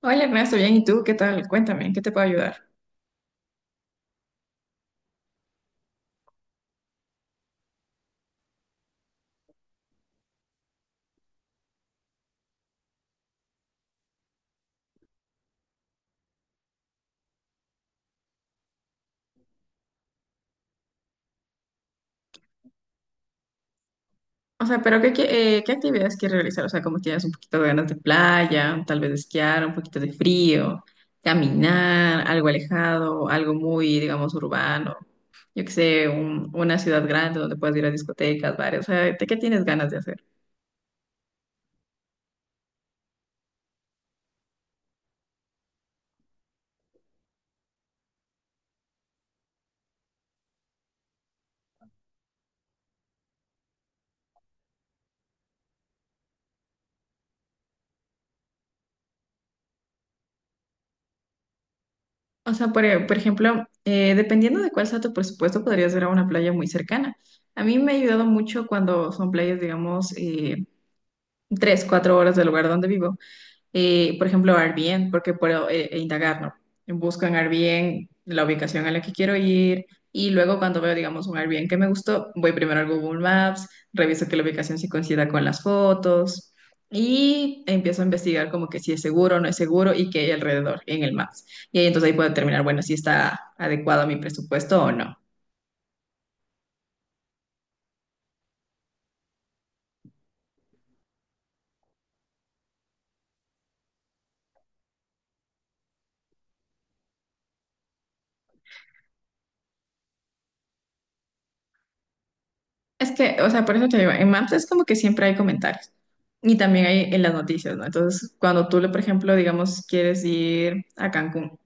Hola Ernesto, bien, ¿y tú qué tal? Cuéntame, ¿en qué te puedo ayudar? O sea, pero qué actividades quieres realizar? O sea, como tienes un poquito de ganas de playa, tal vez de esquiar, un poquito de frío, caminar, algo alejado, algo muy, digamos, urbano. Yo qué sé, una ciudad grande donde puedas ir a discotecas, bares. O sea, ¿de qué tienes ganas de hacer? O sea, por ejemplo, dependiendo de cuál sea tu presupuesto, podrías ir a una playa muy cercana. A mí me ha ayudado mucho cuando son playas, digamos, 3, 4 horas del lugar donde vivo por ejemplo, Airbnb, porque puedo indagar, ¿no? Busco en Airbnb la ubicación a la que quiero ir y luego cuando veo, digamos, un Airbnb que me gustó, voy primero al Google Maps, reviso que la ubicación sí coincida con las fotos y empiezo a investigar como que si es seguro o no es seguro y qué hay alrededor en el Maps. Y ahí entonces ahí puedo determinar, bueno, si está adecuado a mi presupuesto o no. Es que, o sea, por eso te digo, en Maps es como que siempre hay comentarios y también hay en las noticias, ¿no? Entonces, cuando tú, por ejemplo, digamos, quieres ir a Cancún,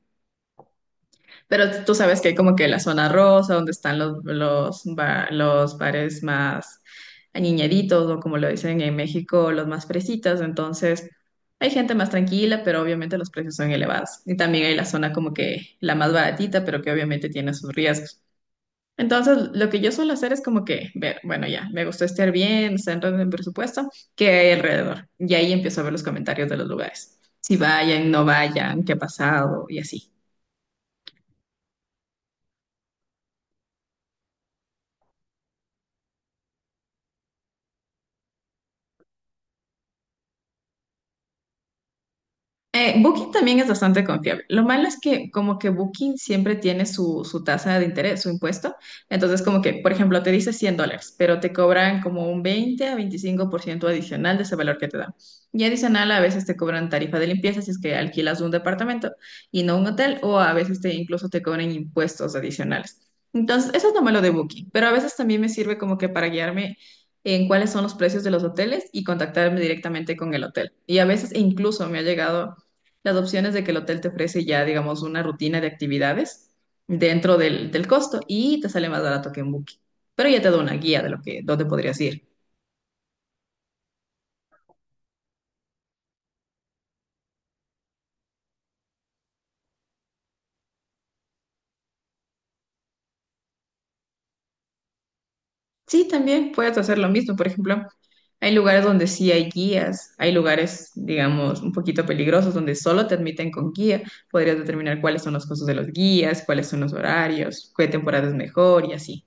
pero tú sabes que hay como que la zona rosa, donde están los bares más añeñaditos o como lo dicen en México, los más fresitas, entonces hay gente más tranquila, pero obviamente los precios son elevados. Y también hay la zona como que la más baratita, pero que obviamente tiene sus riesgos. Entonces, lo que yo suelo hacer es como que ver, bueno, ya, me gustó estar bien, está entrando en orden, presupuesto, ¿qué hay alrededor? Y ahí empiezo a ver los comentarios de los lugares. Si vayan, no vayan, qué ha pasado y así. Booking también es bastante confiable. Lo malo es que como que Booking siempre tiene su tasa de interés, su impuesto. Entonces como que, por ejemplo, te dice $100, pero te cobran como un 20 a 25% adicional de ese valor que te dan. Y adicional a veces te cobran tarifa de limpieza si es que alquilas un departamento y no un hotel, o a veces te incluso te cobran impuestos adicionales. Entonces, eso es lo malo de Booking, pero a veces también me sirve como que para guiarme en cuáles son los precios de los hoteles y contactarme directamente con el hotel. Y a veces incluso me ha llegado las opciones de que el hotel te ofrece ya, digamos, una rutina de actividades dentro del costo y te sale más barato que en Booking. Pero ya te da una guía de lo que, dónde podrías ir. Sí, también puedes hacer lo mismo. Por ejemplo, hay lugares donde sí hay guías, hay lugares, digamos, un poquito peligrosos donde solo te admiten con guía. Podrías determinar cuáles son los costos de los guías, cuáles son los horarios, qué temporada es mejor y así.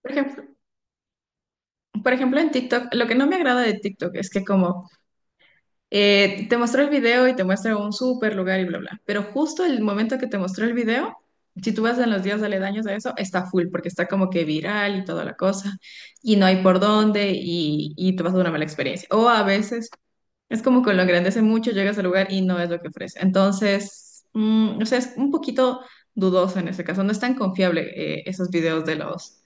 Por ejemplo, por ejemplo, en TikTok, lo que no me agrada de TikTok es que como te mostró el video y te muestra un súper lugar y bla, bla. Pero justo el momento que te mostró el video, si tú vas en los días aledaños a eso, está full porque está como que viral y toda la cosa y no hay por dónde y te vas a una mala experiencia. O a veces es como que lo engrandece mucho, llegas al lugar y no es lo que ofrece. Entonces, o sea, es un poquito dudoso en ese caso. No es tan confiable esos videos de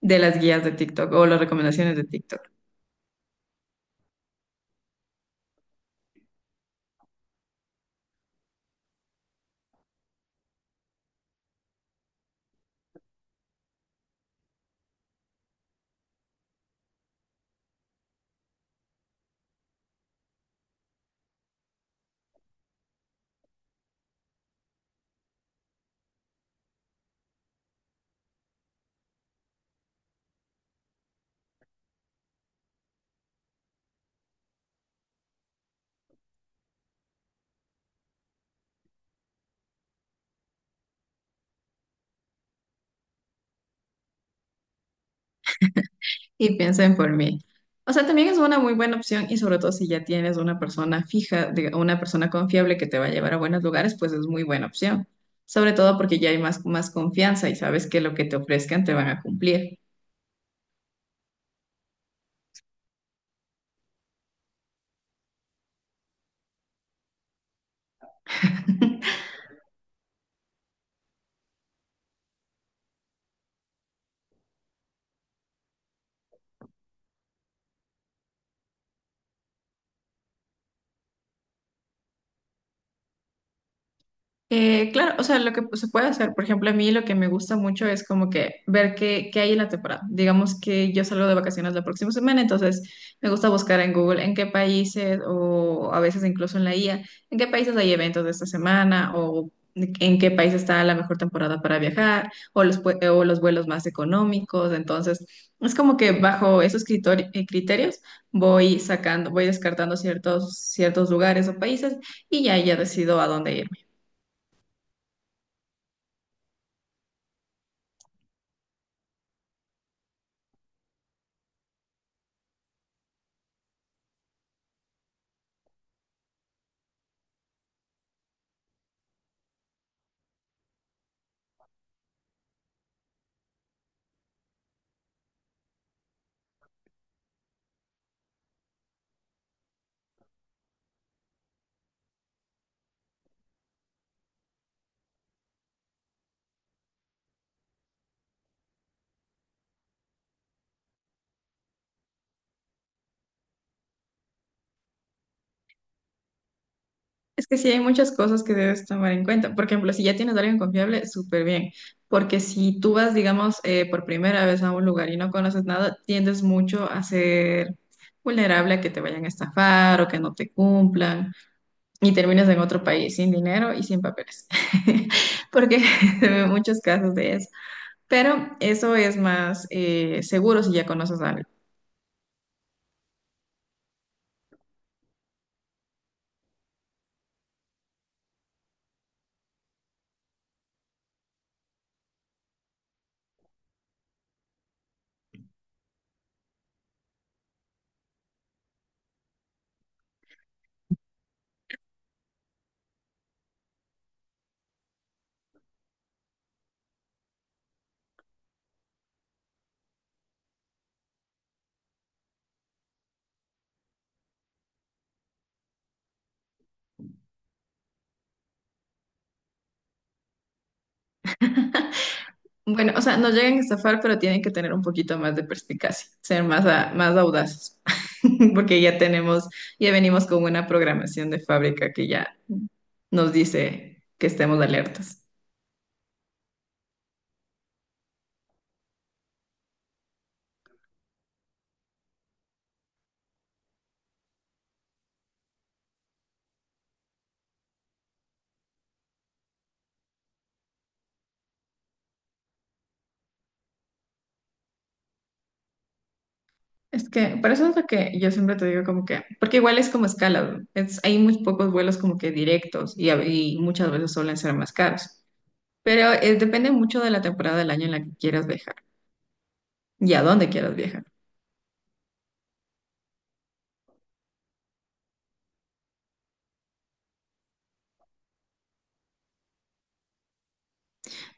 de las guías de TikTok o las recomendaciones de TikTok. Y piensen por mí. O sea, también es una muy buena opción y sobre todo si ya tienes una persona fija, una persona confiable que te va a llevar a buenos lugares, pues es muy buena opción. Sobre todo porque ya hay más confianza y sabes que lo que te ofrezcan te van a cumplir. Claro, o sea, lo que se puede hacer, por ejemplo, a mí lo que me gusta mucho es como que ver qué hay en la temporada. Digamos que yo salgo de vacaciones la próxima semana, entonces me gusta buscar en Google en qué países o a veces incluso en la IA, en qué países hay eventos de esta semana o en qué país está la mejor temporada para viajar o los vuelos más económicos. Entonces, es como que bajo esos criterios voy sacando, voy descartando ciertos lugares o países y ya decido a dónde ir. Es que sí hay muchas cosas que debes tomar en cuenta. Por ejemplo, si ya tienes a alguien confiable, súper bien. Porque si tú vas, digamos, por primera vez a un lugar y no conoces nada, tiendes mucho a ser vulnerable a que te vayan a estafar o que no te cumplan y terminas en otro país sin dinero y sin papeles. Porque se ven muchos casos de eso. Pero eso es más seguro si ya conoces a alguien. Bueno, o sea, no llegan a estafar, pero tienen que tener un poquito más de perspicacia, ser más audaces, porque ya tenemos, ya venimos con una programación de fábrica que ya nos dice que estemos alertas. Es que, por eso es lo que yo siempre te digo como que, porque igual es como escala, ¿no? Hay muy pocos vuelos como que directos y muchas veces suelen ser más caros, pero depende mucho de la temporada del año en la que quieras viajar y a dónde quieras viajar.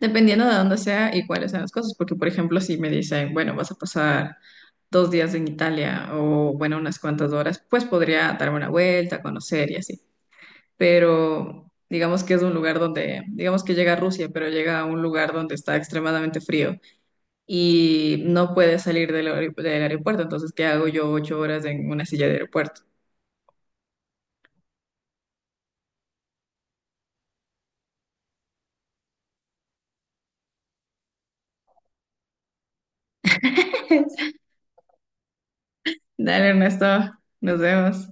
Dependiendo de dónde sea y cuáles sean las cosas, porque por ejemplo, si me dicen, bueno, vas a pasar 2 días en Italia o bueno, unas cuantas horas, pues podría darme una vuelta, conocer y así. Pero digamos que es un lugar donde, digamos que llega a Rusia, pero llega a un lugar donde está extremadamente frío y no puedes salir del aeropuerto, entonces, ¿qué hago yo 8 horas en una silla de aeropuerto? Dale, Ernesto, nos vemos.